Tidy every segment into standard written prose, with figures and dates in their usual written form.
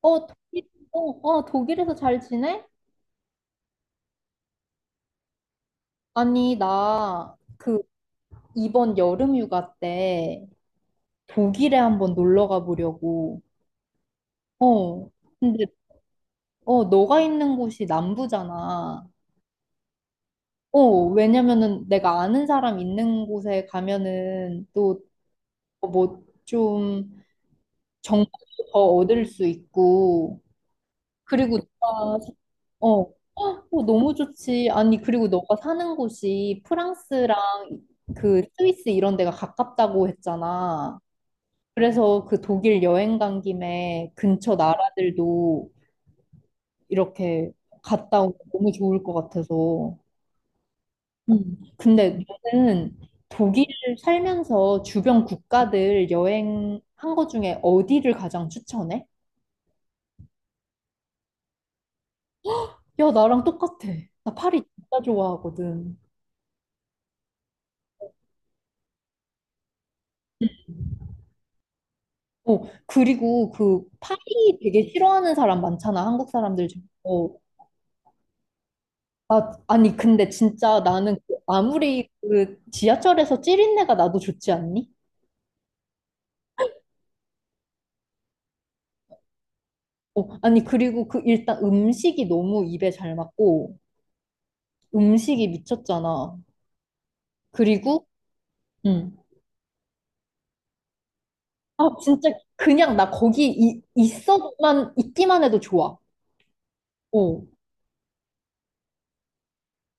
독일에서 잘 지내? 아니, 이번 여름 휴가 때 독일에 한번 놀러 가보려고. 어, 근데, 너가 있는 곳이 남부잖아. 어, 왜냐면은 내가 아는 사람 있는 곳에 가면은 또 뭐 좀 정보도 더 얻을 수 있고, 그리고 너가 사- 어, 어, 너무 좋지. 아니, 그리고 너가 사는 곳이 프랑스랑 그 스위스 이런 데가 가깝다고 했잖아. 그래서 그 독일 여행 간 김에 근처 나라들도 이렇게 갔다 오면 너무 좋을 것 같아서. 근데 너는 독일 살면서 주변 국가들 여행한 거 중에 어디를 가장 추천해? 야, 나랑 똑같아. 나 파리 진짜 좋아하거든. 어, 그리고 그 파이 되게 싫어하는 사람 많잖아, 한국 사람들 중에. 아니, 근데 진짜 나는 그 아무리 그 지하철에서 찌린내가 나도 좋지 않니? 아니, 그리고 그 일단 음식이 너무 입에 잘 맞고, 음식이 미쳤잖아. 그리고, 음. 아, 진짜 그냥 나 거기 있기만 해도 좋아. 어,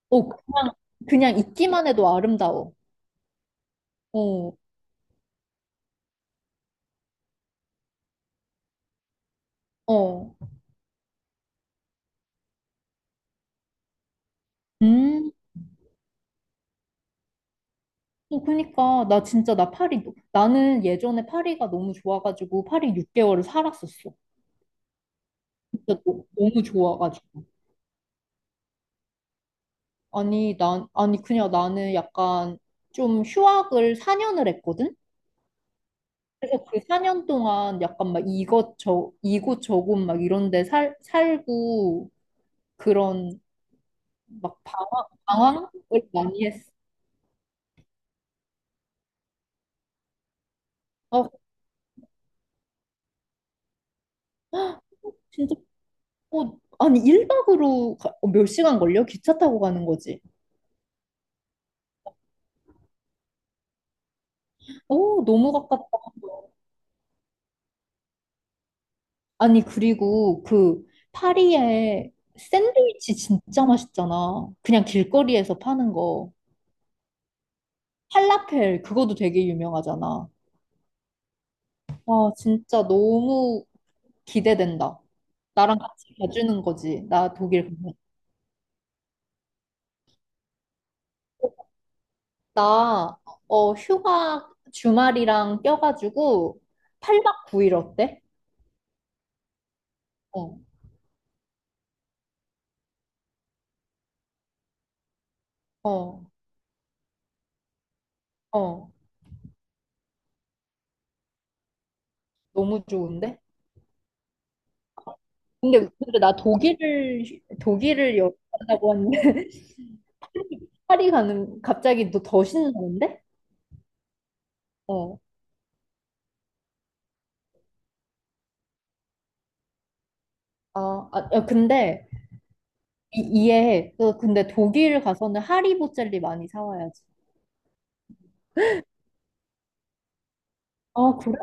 어, 그냥, 그냥 있기만 해도 아름다워. 어, 어. 음. 그니까, 나 진짜, 나 파리, 너- 나는 예전에 파리가 너무 좋아가지고, 파리 6개월을 살았었어. 진짜 너, 무 좋아가지고. 아니, 그냥 나는 약간 좀 휴학을 4년을 했거든? 그래서 그 4년 동안 약간 막 이곳 저곳 막 이런 데 살고, 그런 막 방황을 많이 했어. 아, 진짜, 아니, 1박으로 몇 시간 걸려? 기차 타고 가는 거지. 오, 너무 가깝다. 아니, 그리고 그 파리에 샌드위치 진짜 맛있잖아. 그냥 길거리에서 파는 거. 팔라펠, 그거도 되게 유명하잖아. 와, 진짜 너무 기대된다. 나랑 같이 가주는 거지. 나 독일 가면. 나, 휴가 주말이랑 껴가지고 8박 9일 어때? 어, 어, 어. 너무 좋은데? 근데 나 독일을 여행한다고 하는데 파리 가는 갑자기 너 더 신나는데? 어. 아, 아 야, 근데 이해해. 너 근데 독일 가서는 하리보 젤리 많이 사 와야지. 아, 그래?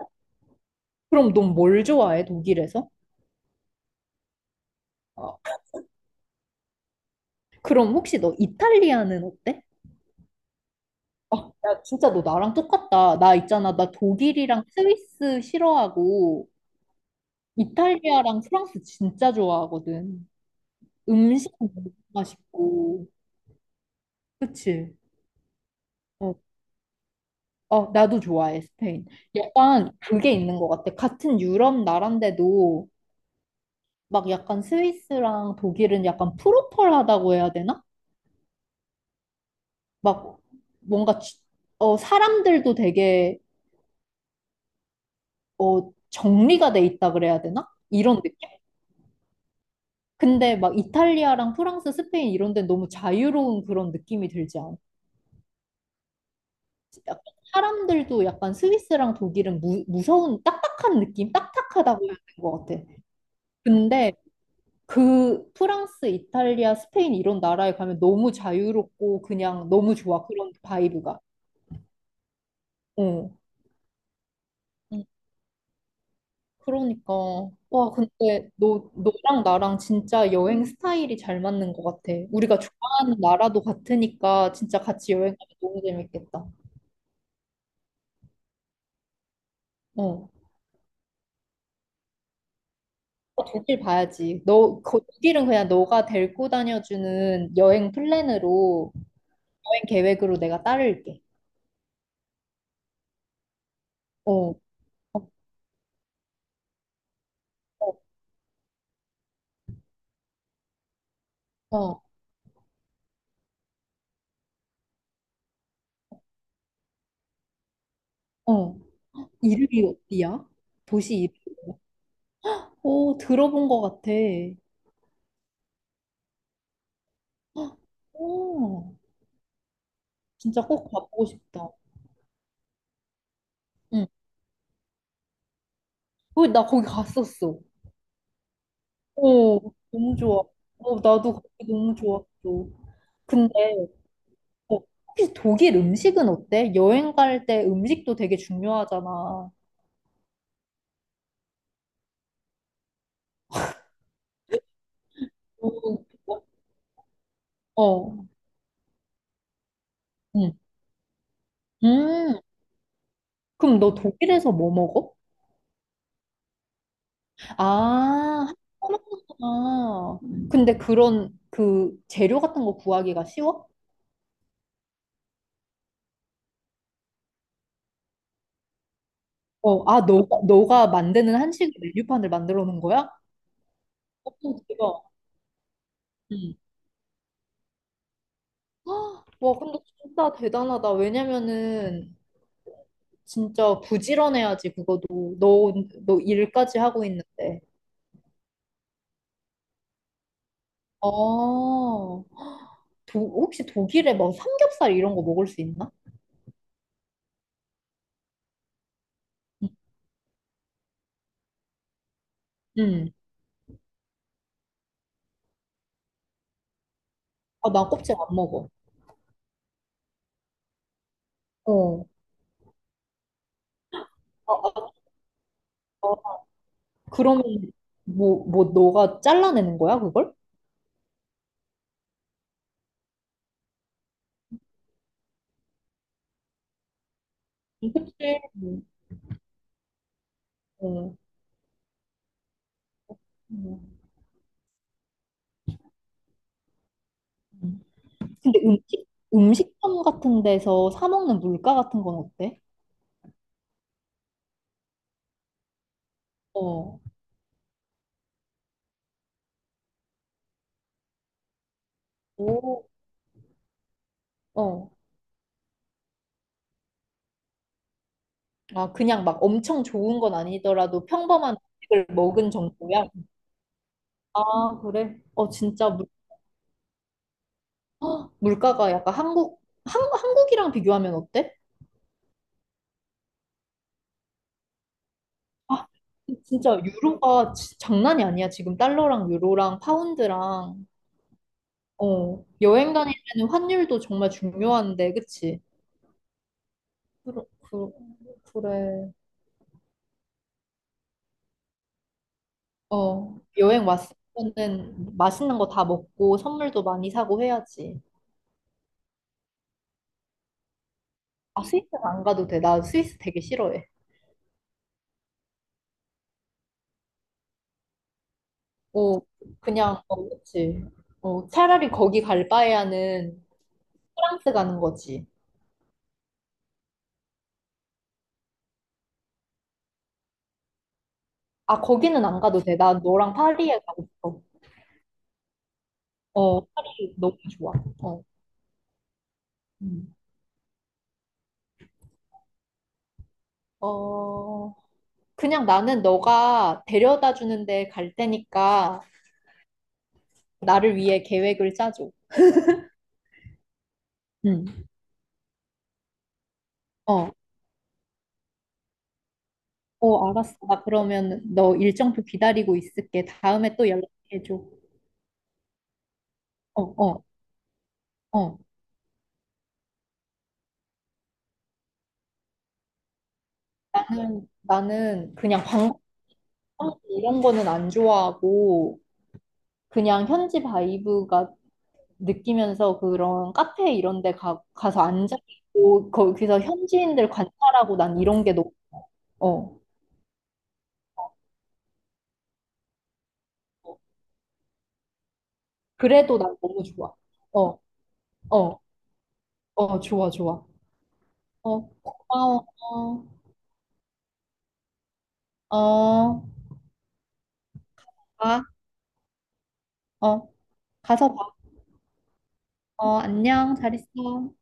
그럼 넌 뭘 좋아해, 독일에서? 어. 그럼 혹시 너 이탈리아는 어때? 아, 야, 진짜 너 나랑 똑같다. 나 있잖아. 나 독일이랑 스위스 싫어하고 이탈리아랑 프랑스 진짜 좋아하거든. 음식 너무 맛있고. 그치? 어. 어, 나도 좋아해, 스페인. 약간 그게 있는 것 같아. 같은 유럽 나라인데도 막 약간 스위스랑 독일은 약간 프로펄하다고 해야 되나? 막 뭔가 사람들도 되게 정리가 돼 있다 그래야 되나? 이런 느낌? 근데 막 이탈리아랑 프랑스, 스페인 이런 데는 너무 자유로운 그런 느낌이 들지 않아? 약간 사람들도 약간 스위스랑 독일은 무서운 딱딱한 느낌? 딱딱하다고 해야 되는 것 같아. 근데 그 프랑스, 이탈리아, 스페인 이런 나라에 가면 너무 자유롭고 그냥 너무 좋아. 그런 바이브가. 어. 음, 그러니까. 와, 근데 너랑 나랑 진짜 여행 스타일이 잘 맞는 것 같아. 우리가 좋아하는 나라도 같으니까 진짜 같이 여행 가면 너무 재밌겠다. 어. 어, 독일 봐야지. 독일은 그냥 너가 데리고 다녀주는 여행 플랜으로, 여행 계획으로 내가 따를게. 어. 어, 어, 어. 이름이 어디야? 도시 이름? 오, 들어본 것 같아. 오, 진짜 꼭 가보고 싶다. 응. 어, 나 거기 갔었어. 오, 너무 좋아. 어, 나도 거기 너무 좋았어. 근데 어, 혹시 독일 음식은 어때? 여행 갈 때 음식도 되게 중요하잖아. 어, 어, 응. 음, 그럼 너 독일에서 뭐 먹어? 아, 한국 먹는구나. 근데 그런 그 재료 같은 거 구하기가 쉬워? 너가 만드는 한식 메뉴판을 만들어 놓은 거야? 어떤 대박. 응. 헉, 와, 근데 진짜 대단하다. 왜냐면은 진짜 부지런해야지, 그거도. 너 일까지 하고 있는데. 아, 혹시 독일에 뭐 삼겹살 이런 거 먹을 수 있나? 응. 응. 아, 나 껍질 안 먹어. 어. 아, 아, 아, 그러면 뭐, 너가 잘라내는 거야, 그걸? 껍질. 응. 응. 응. 근데 음식점 같은 데서 사 먹는 물가 같은 건 어때? 어, 오, 어. 아, 그냥 막 엄청 좋은 건 아니더라도 평범한 음식을 먹은 정도야? 아, 그래? 어, 진짜 헉, 물가가 약간 한국이랑 비교하면 어때? 아, 진짜 유로가 장난이 아니야. 지금 달러랑 유로랑 파운드랑, 어, 여행 다닐 때는 환율도 정말 중요한데, 그치? 그러, 그, 그래. 어, 여행 왔으면은 맛있는 거 다 먹고 선물도 많이 사고 해야지. 아, 스위스는 안 가도 돼. 나 스위스 되게 싫어해. 어, 그냥, 그치. 차라리 거기 갈 바에야는 프랑스 가는 거지. 아, 거기는 안 가도 돼. 나 너랑 파리에 가고 싶어. 어, 파리 너무 좋아. 어, 음. 어, 그냥 나는 너가 데려다 주는데 갈 테니까 나를 위해 계획을 짜줘. 응. 어. 어, 알았어. 나 그러면 너 일정표 기다리고 있을게. 다음에 또 연락해줘. 어, 어, 어. 나는 그냥 광고 이런 거는 안 좋아하고, 그냥 현지 바이브가 느끼면서 그런 카페 이런 데 가서 앉아있고, 거기서 현지인들 관찰하고 난 이런 게 너무, 어. 어. 그래도 난 너무 좋아. 어, 어, 어, 좋아, 좋아. 어, 고마워. 어, 어, 가, 어, 가서 봐. 어, 안녕. 잘 있어.